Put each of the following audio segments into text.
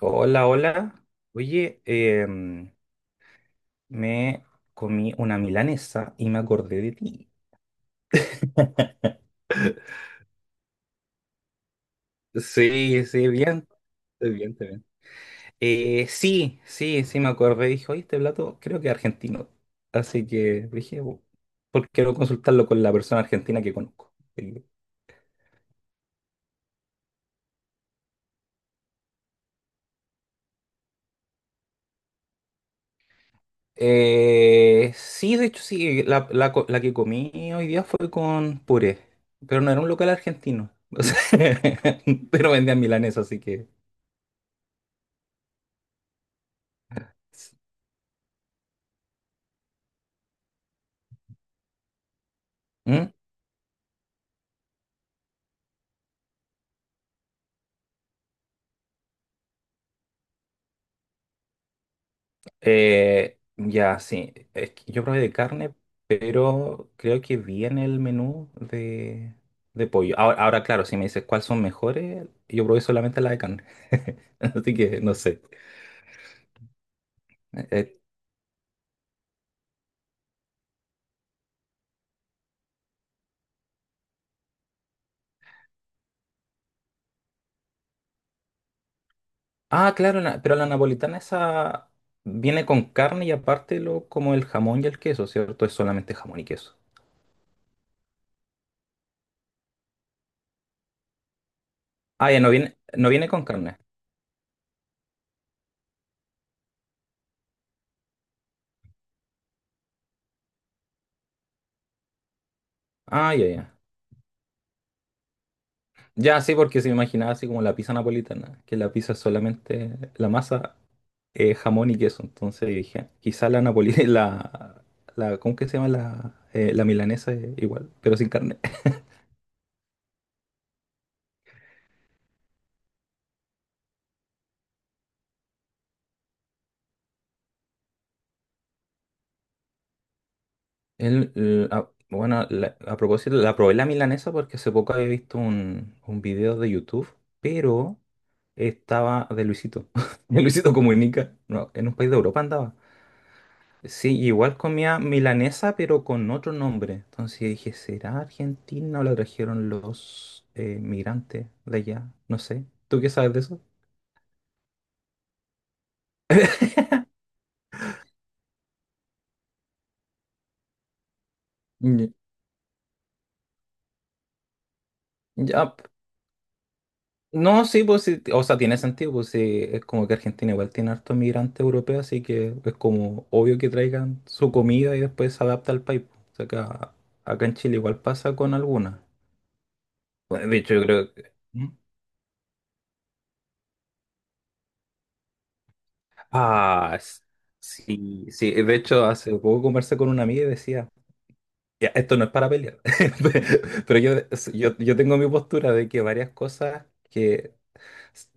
Hola, hola. Oye, me comí una milanesa y me acordé de ti. Sí, sí, bien. Estoy bien, estoy bien. Sí, sí, sí, me acordé. Dije, oye, este plato creo que es argentino. Así que dije, "Bu- ¿por qué no consultarlo con la persona argentina que conozco? Sí. Sí, de hecho, sí. La que comí hoy día fue con puré, pero no era un local argentino. O sea, pero vendían milanesa, así que. Mm, ya, sí. Es que yo probé de carne, pero creo que viene el menú de pollo. Ahora, claro, si me dices cuáles son mejores, yo probé solamente la de carne. Así que no sé. Eh, ah, claro, la- pero la napolitana esa viene con carne y aparte lo, como el jamón y el queso, ¿cierto? Es solamente jamón y queso. Ah, ya, no viene con carne. Ah, ya, ya. Ya, sí, porque se me imaginaba así como la pizza napolitana, que la pizza es solamente la masa jamón y queso. Entonces dije, "Ah, quizá la napolitana, la, ¿cómo que se llama? La, la milanesa es igual, pero sin carne. Bueno, la- a propósito, la probé la milanesa porque hace poco había visto un video de YouTube, pero estaba de Luisito, de Luisito Comunica, no, en un país de Europa andaba. Sí, igual comía milanesa, pero con otro nombre. Entonces yo dije, ¿será Argentina o la trajeron los migrantes de allá? No sé. ¿Tú qué sabes de eso? Ya, p- no, sí, pues sí, o sea, tiene sentido, pues sí, es como que Argentina igual tiene harto migrante europeo, así que es como obvio que traigan su comida y después se adapta al país. Pues, o sea, acá en Chile igual pasa con algunas. Bueno, de hecho, yo creo que... ¿Mm? Ah, s- sí, sí, de hecho, hace poco conversé con una amiga y decía, ya, esto no es para pelear, pero yo, yo tengo mi postura de que varias cosas que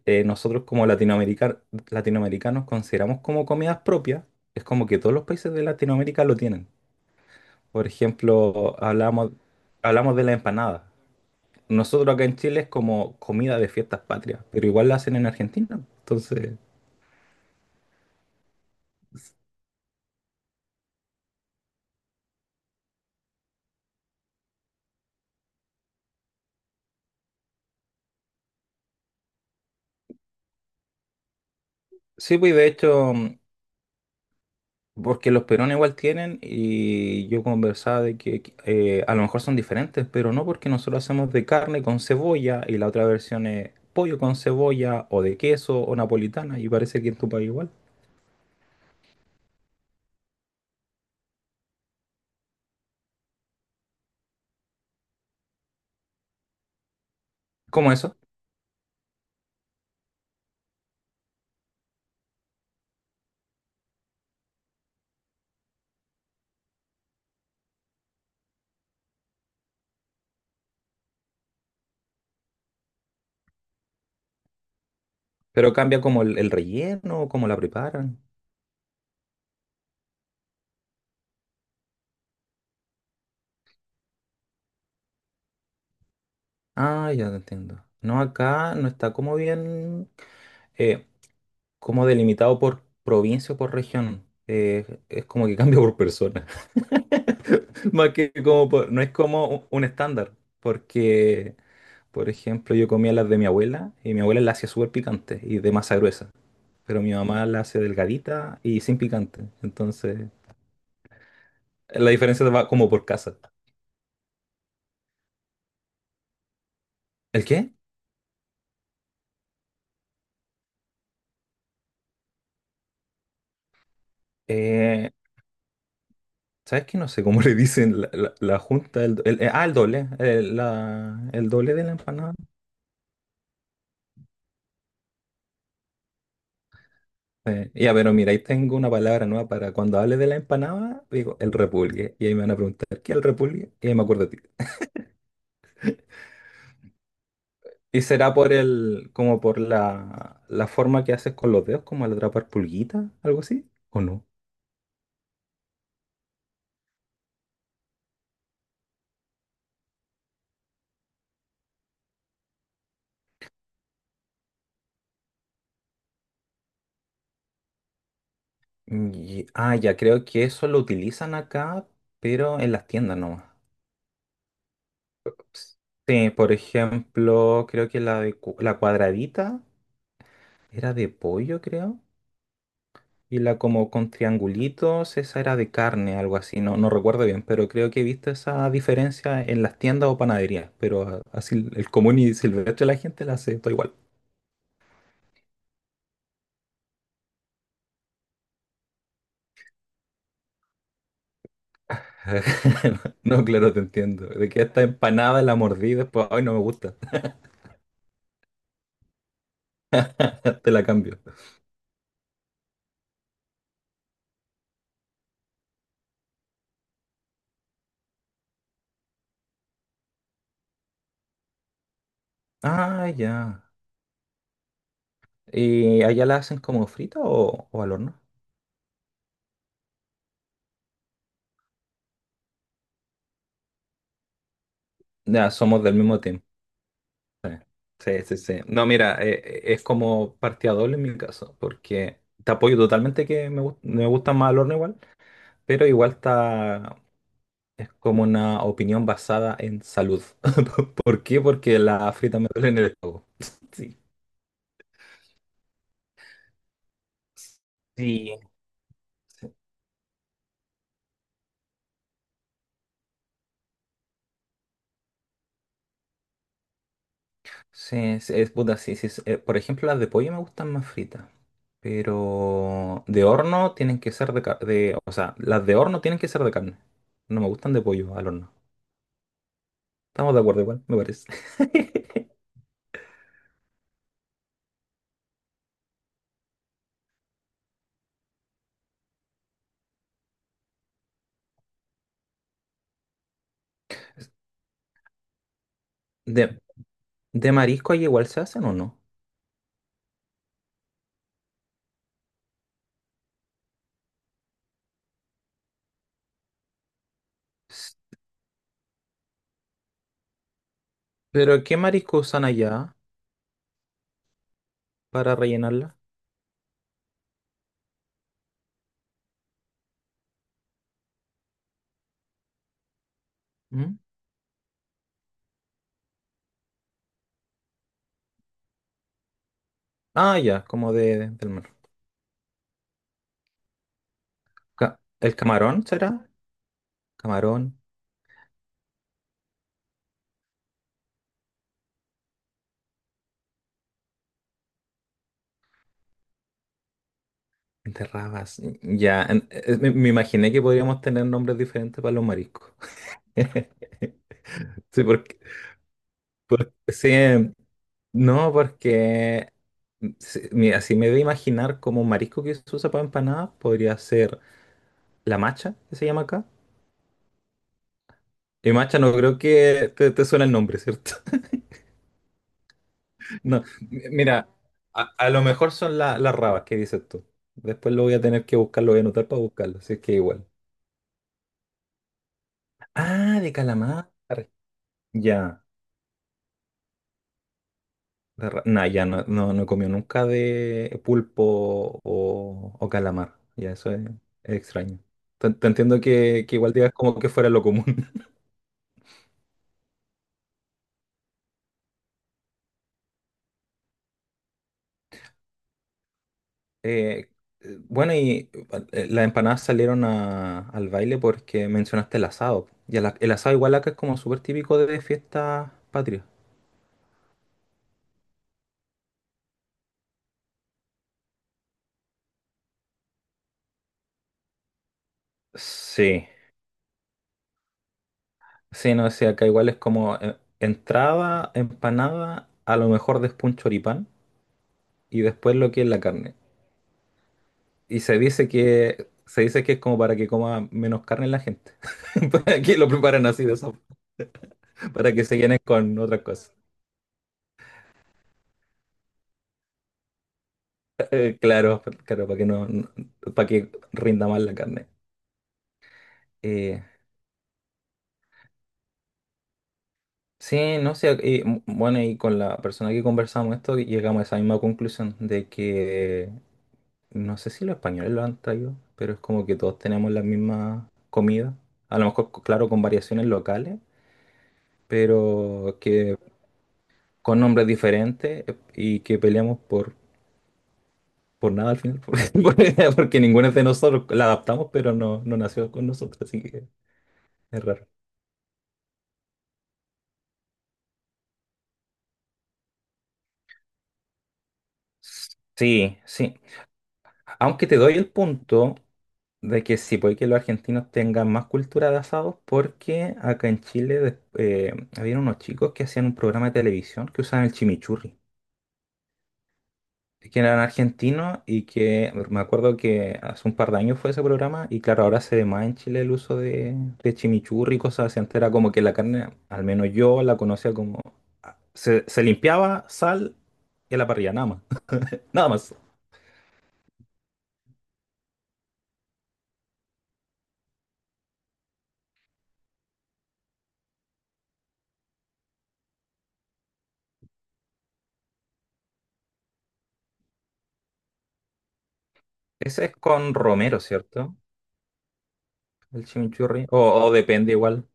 nosotros como latinoamericanos, latinoamericanos consideramos como comidas propias, es como que todos los países de Latinoamérica lo tienen. Por ejemplo, hablamos de la empanada. Nosotros acá en Chile es como comida de fiestas patrias, pero igual la hacen en Argentina. Entonces, sí, pues de hecho, porque los peruanos igual tienen y yo conversaba de que a lo mejor son diferentes, pero no porque nosotros hacemos de carne con cebolla y la otra versión es pollo con cebolla o de queso o napolitana y parece que en tu país igual. ¿Cómo eso? Pero cambia como el relleno, cómo la preparan. Ah, ya te entiendo. No, acá no está como bien, eh, como delimitado por provincia o por región. Es como que cambia por persona. Más que como por- no es como un estándar, porque... Por ejemplo, yo comía las de mi abuela y mi abuela las hacía súper picantes y de masa gruesa, pero mi mamá las hace delgadita y sin picante. Entonces, la diferencia va como por casa. ¿El qué? Eh, ¿Sabes qué? No sé cómo le dicen la junta. El doble. El doble de la empanada. Ya, pero mira, ahí tengo una palabra nueva para cuando hable de la empanada, digo el repulgue. Y ahí me van a preguntar, ¿qué es el repulgue? Y ahí me acuerdo de ti. ¿Y será por el, como por la forma que haces con los dedos, como al atrapar pulguita, algo así? ¿O no? Y- ah, ya creo que eso lo utilizan acá, pero en las tiendas nomás. Sí, por ejemplo, creo que la, de cu- la cuadradita era de pollo, creo. Y la como con triangulitos, esa era de carne, algo así. No, no recuerdo bien, pero creo que he visto esa diferencia en las tiendas o panaderías. Pero a- así el común y silvestre la gente la hace todo igual. No, claro, te entiendo. De que esta empanada la mordí después, ay, no me gusta, te la cambio. Ah, ya. ¿Y allá la hacen como frita o al horno? Ya, somos del mismo team. Sí, sí, sí. No, mira, es como partida doble en mi caso, porque te apoyo totalmente que me, gust- me gusta más al horno igual, pero igual está, es como una opinión basada en salud. ¿Por qué? Porque la frita me duele en el estómago. Sí. Sí. Sí, es puta, sí, sí. Es- por ejemplo, las de pollo me gustan más fritas. Pero de horno tienen que ser de, ca- de... O sea, las de horno tienen que ser de carne. No me gustan de pollo al horno. Estamos de acuerdo igual, me parece. ¿De, de marisco ahí igual se hacen o no? S- ¿Pero qué marisco usan allá para rellenarla? ¿Mm? Ah, ya, como de- del mar. Ca- ¿El camarón será? Camarón de rabas. Ya, en- me imaginé que podríamos tener nombres diferentes para los mariscos. Sí, sí, no, porque mm, si- mira, si me voy a imaginar como un marisco que se usa para empanadas, podría ser la macha, que se llama acá. Y macha no creo que te suene el nombre, ¿cierto? No, m- mira, a lo mejor son la- las rabas que dices tú. Después lo voy a tener que buscar, lo voy a anotar para buscarlo, así es que igual. Ah, de calamar. Ya. De ra- Nah, ya no, no, no he comido nunca de pulpo o calamar. Ya eso es extraño. Te entiendo que igual digas como que fuera lo común. Eh, bueno, y las empanadas salieron a- al baile porque mencionaste el asado. Y el, a- el asado igual acá es como súper típico de fiestas patrias. Sí, sí, no sé, acá igual es como entrada, empanada, a lo mejor después un choripán y después lo que es la carne. Y se dice que es como para que coma menos carne la gente. Para que lo preparan así de esa- para que se llenen con otras cosas. Claro, claro, para que no, no- para que rinda más la carne. Eh, sí, no sé, y, m- bueno, y con la persona que conversamos esto llegamos a esa misma conclusión de que no sé si los españoles lo han traído, pero es como que todos tenemos la misma comida. A lo mejor, claro, con variaciones locales, pero que con nombres diferentes y que peleamos por nada al final, porque ninguno de nosotros la adaptamos, pero no, no nació con nosotros, así que es raro. Sí, sí. Aunque te doy el punto de que sí, puede que los argentinos tengan más cultura de asados, porque acá en Chile des- había unos chicos que hacían un programa de televisión que usaban el chimichurri. Que eran argentinos y que me acuerdo que hace un par de años fue ese programa y claro, ahora se ve más en Chile el uso de chimichurri y cosas así. Antes era como que la carne, al menos yo la conocía como... ah, se limpiaba sal y a la parrilla, nada más. Nada más. Ese es con romero, ¿cierto? El chimichurri. O depende igual.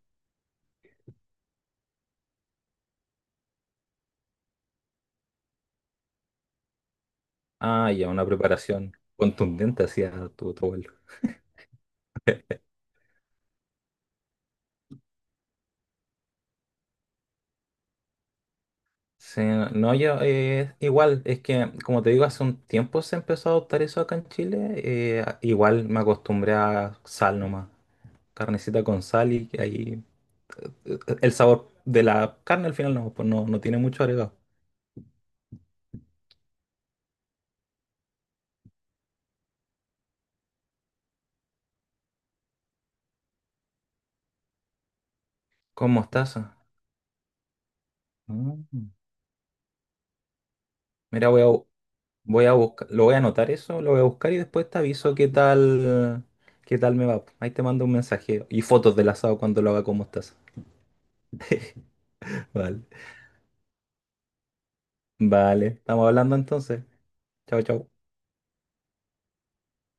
Ah, ya, una preparación contundente hacía tu abuela. Sí, no, no, yo igual, es que como te digo, hace un tiempo se empezó a adoptar eso acá en Chile, a- igual me acostumbré a sal nomás, carnecita con sal y ahí el sabor de la carne al final no, pues no, no tiene mucho agregado. Con mostaza. Mm. Mira, voy a, bu- voy a buscar, lo voy a anotar eso, lo voy a buscar y después te aviso qué tal me va. Ahí te mando un mensaje y fotos del asado cuando lo haga con mostaza. Vale, vale, estamos hablando entonces. Chao, chao.